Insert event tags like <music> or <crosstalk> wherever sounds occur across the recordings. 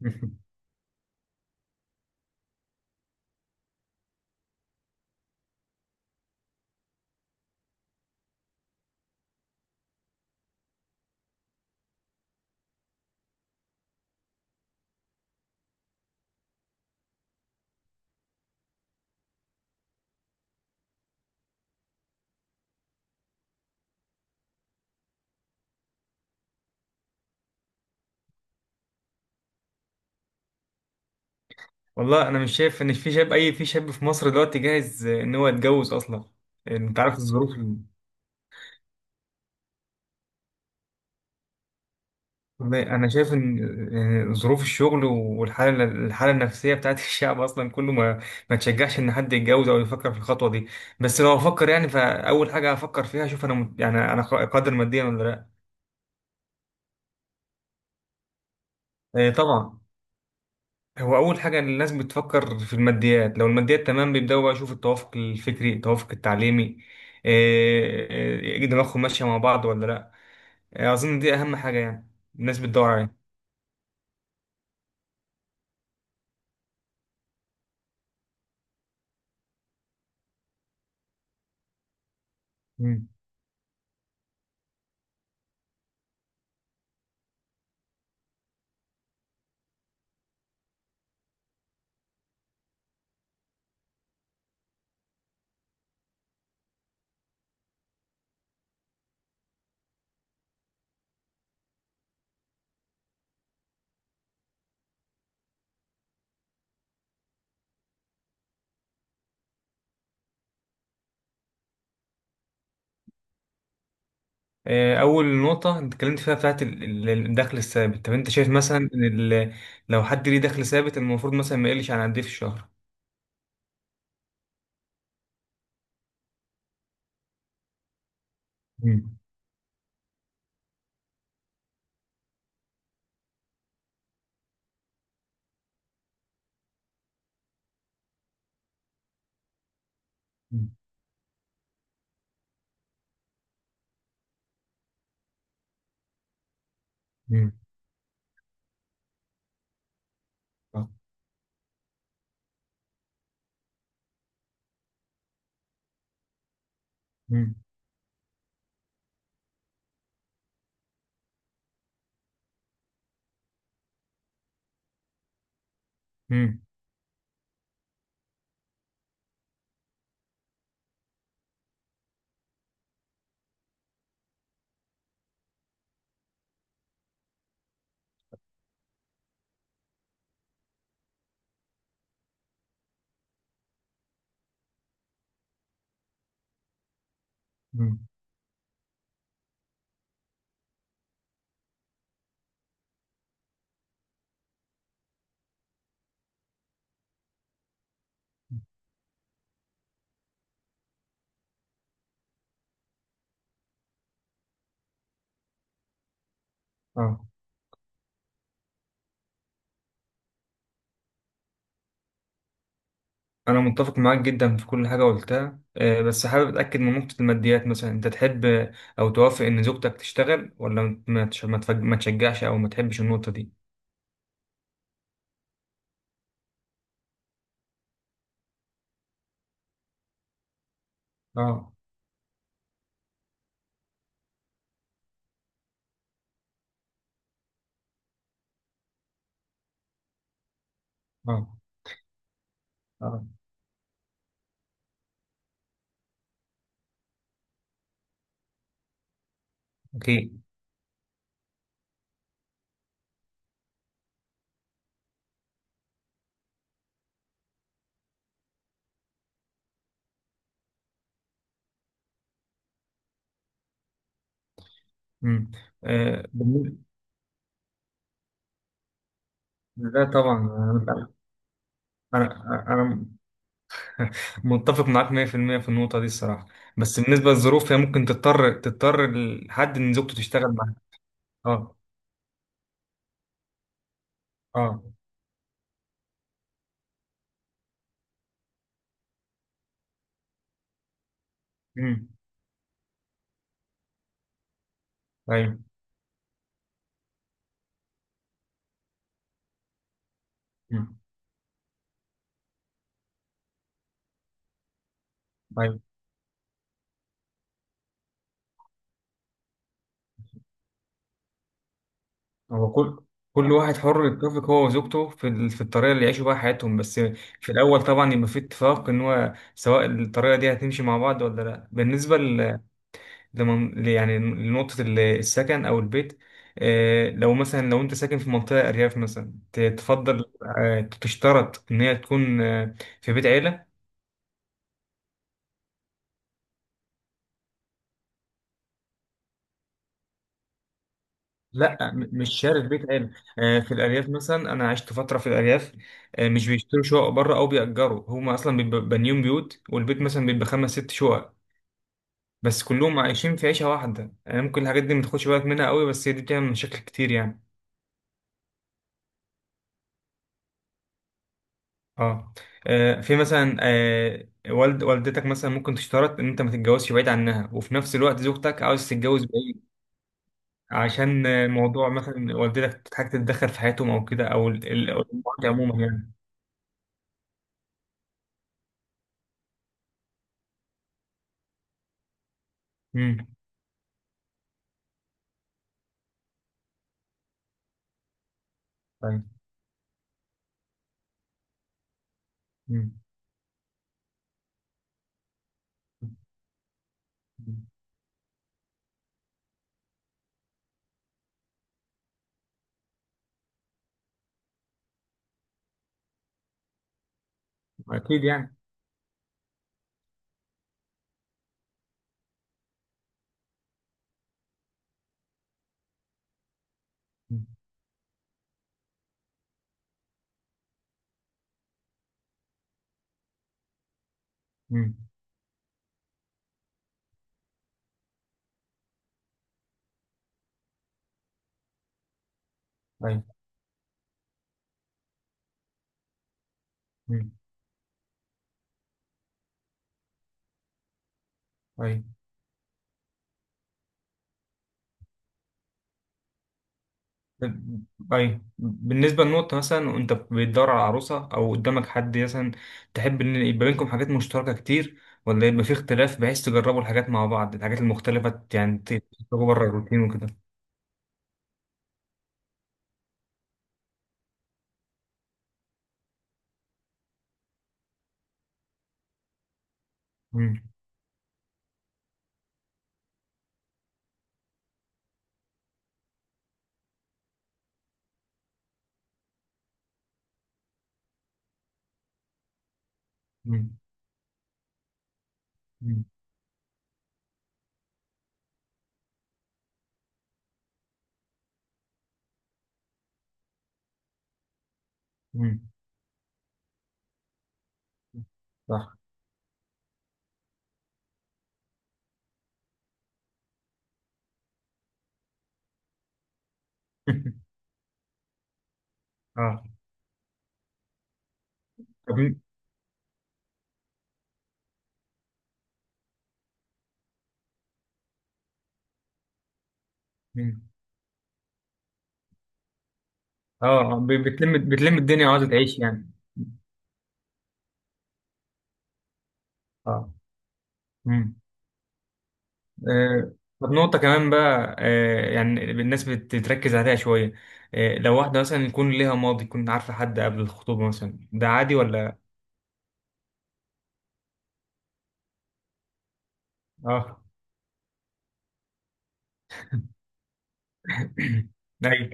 <laughs> والله انا مش شايف ان في شاب في مصر دلوقتي جاهز ان هو يتجوز اصلا. انت عارف الظروف والله انا شايف إن ظروف الشغل والحاله النفسيه بتاعت <laughs> الشعب اصلا كله ما تشجعش ان حد يتجوز او يفكر في الخطوه دي. بس لو افكر يعني فاول حاجه هفكر فيها اشوف انا يعني انا قادر ماديا ولا لا؟ إيه طبعا، هو اول حاجه إن الناس بتفكر في الماديات، لو الماديات تمام بيبداوا بقى يشوفوا التوافق الفكري التوافق التعليمي. إيه، إيه، دماغهم ماشيه مع بعض ولا لا؟ آه، أظن دي أهم حاجة يعني الناس بتدور عليها. مم. آه، أول نقطة أنت اتكلمت فيها بتاعت الدخل الثابت. طب أنت شايف مثلا إن ال- لو حد ليه دخل ثابت المفروض مثلا ما يقلش عن قد إيه في الشهر؟ مم. مم. مم. آه. مم. مم. مم. اه. انا متفق معاك جدا في كل حاجه قلتها، آه، بس حابب اتاكد من نقطه الماديات. مثلا انت تحب آه، او توافق ان زوجتك تشتغل ولا ما تشجعش او ما تحبش النقطه دي؟ اه. اه. اه. اوكي. مم. آه، بالنسبة. لا طبعا. انا انا أنا <laughs> متفق معاك 100% في المية في النقطة دي الصراحة. بس بالنسبة للظروف، هي ممكن تضطر لحد ان زوجته تشتغل معاه. اه. اه. امم. ايوه. امم. ايوه. هو كل واحد حر يتفق هو وزوجته في في الطريقة اللي يعيشوا بيها حياتهم. بس في الاول طبعا يبقى في اتفاق ان هو سواء الطريقة دي هتمشي مع بعض ولا لا. بالنسبة يعني لنقطة السكن أو البيت، آه، لو مثلا لو أنت ساكن في منطقة أرياف مثلا تفضل آه، تشترط إن هي تكون آه، في بيت عيلة؟ لا مش شارط بيت عيلة. آه، في الأرياف مثلا أنا عشت فترة في الأرياف، آه، مش بيشتروا شقق بره أو بيأجروا، هما أصلا بيبقوا بانيين بيوت، والبيت مثلا بيبقى خمس ست شقق بس كلهم عايشين في عيشة واحدة. آه، ممكن الحاجات دي ما تاخدش بالك منها قوي بس هي دي بتعمل مشاكل كتير يعني. اه. آه، في مثلا آه، والد والدتك مثلا ممكن تشترط ان انت ما تتجوزش بعيد عنها، وفي نفس الوقت زوجتك عاوز تتجوز بعيد. عشان آه، موضوع مثلا والدتك تحتاج تتدخل في حياتهم او كده، او أو الامهات عموما يعني. امم. طيب. امم. اكيد يعني. امم. طيب. امم. طيب. أيوة. بالنسبة للنقطة مثلا وأنت بتدور على عروسة أو قدامك حد مثلا، تحب إن يبقى بينكم حاجات مشتركة كتير، ولا يبقى في اختلاف بحيث تجربوا الحاجات مع بعض، الحاجات المختلفة يعني تخرجوا بره الروتين وكده؟ مم. مم. مم. مم. صح. <laughs> اه. طب مين؟ اه، آه، بتلم بتلم الدنيا وعاوزة تعيش يعني. اه. مم. آه، طب نقطة كمان بقى، آه، يعني الناس بتتركز عليها شوية، آه، لو واحدة مثلا يكون ليها ماضي، يكون عارفة حد قبل الخطوبة مثلا، ده عادي ولا؟ اه. <coughs> ايوه.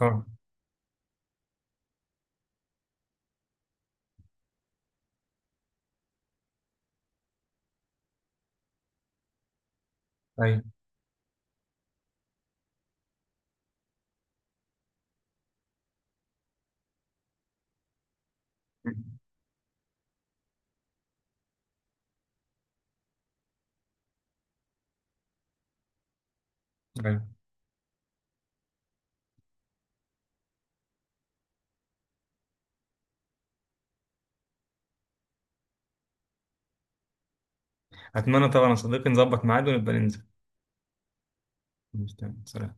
اه. ايوه. ايوه. اتمنى طبعا يا صديقي نظبط ميعاد ونبقى ننزل. سلام.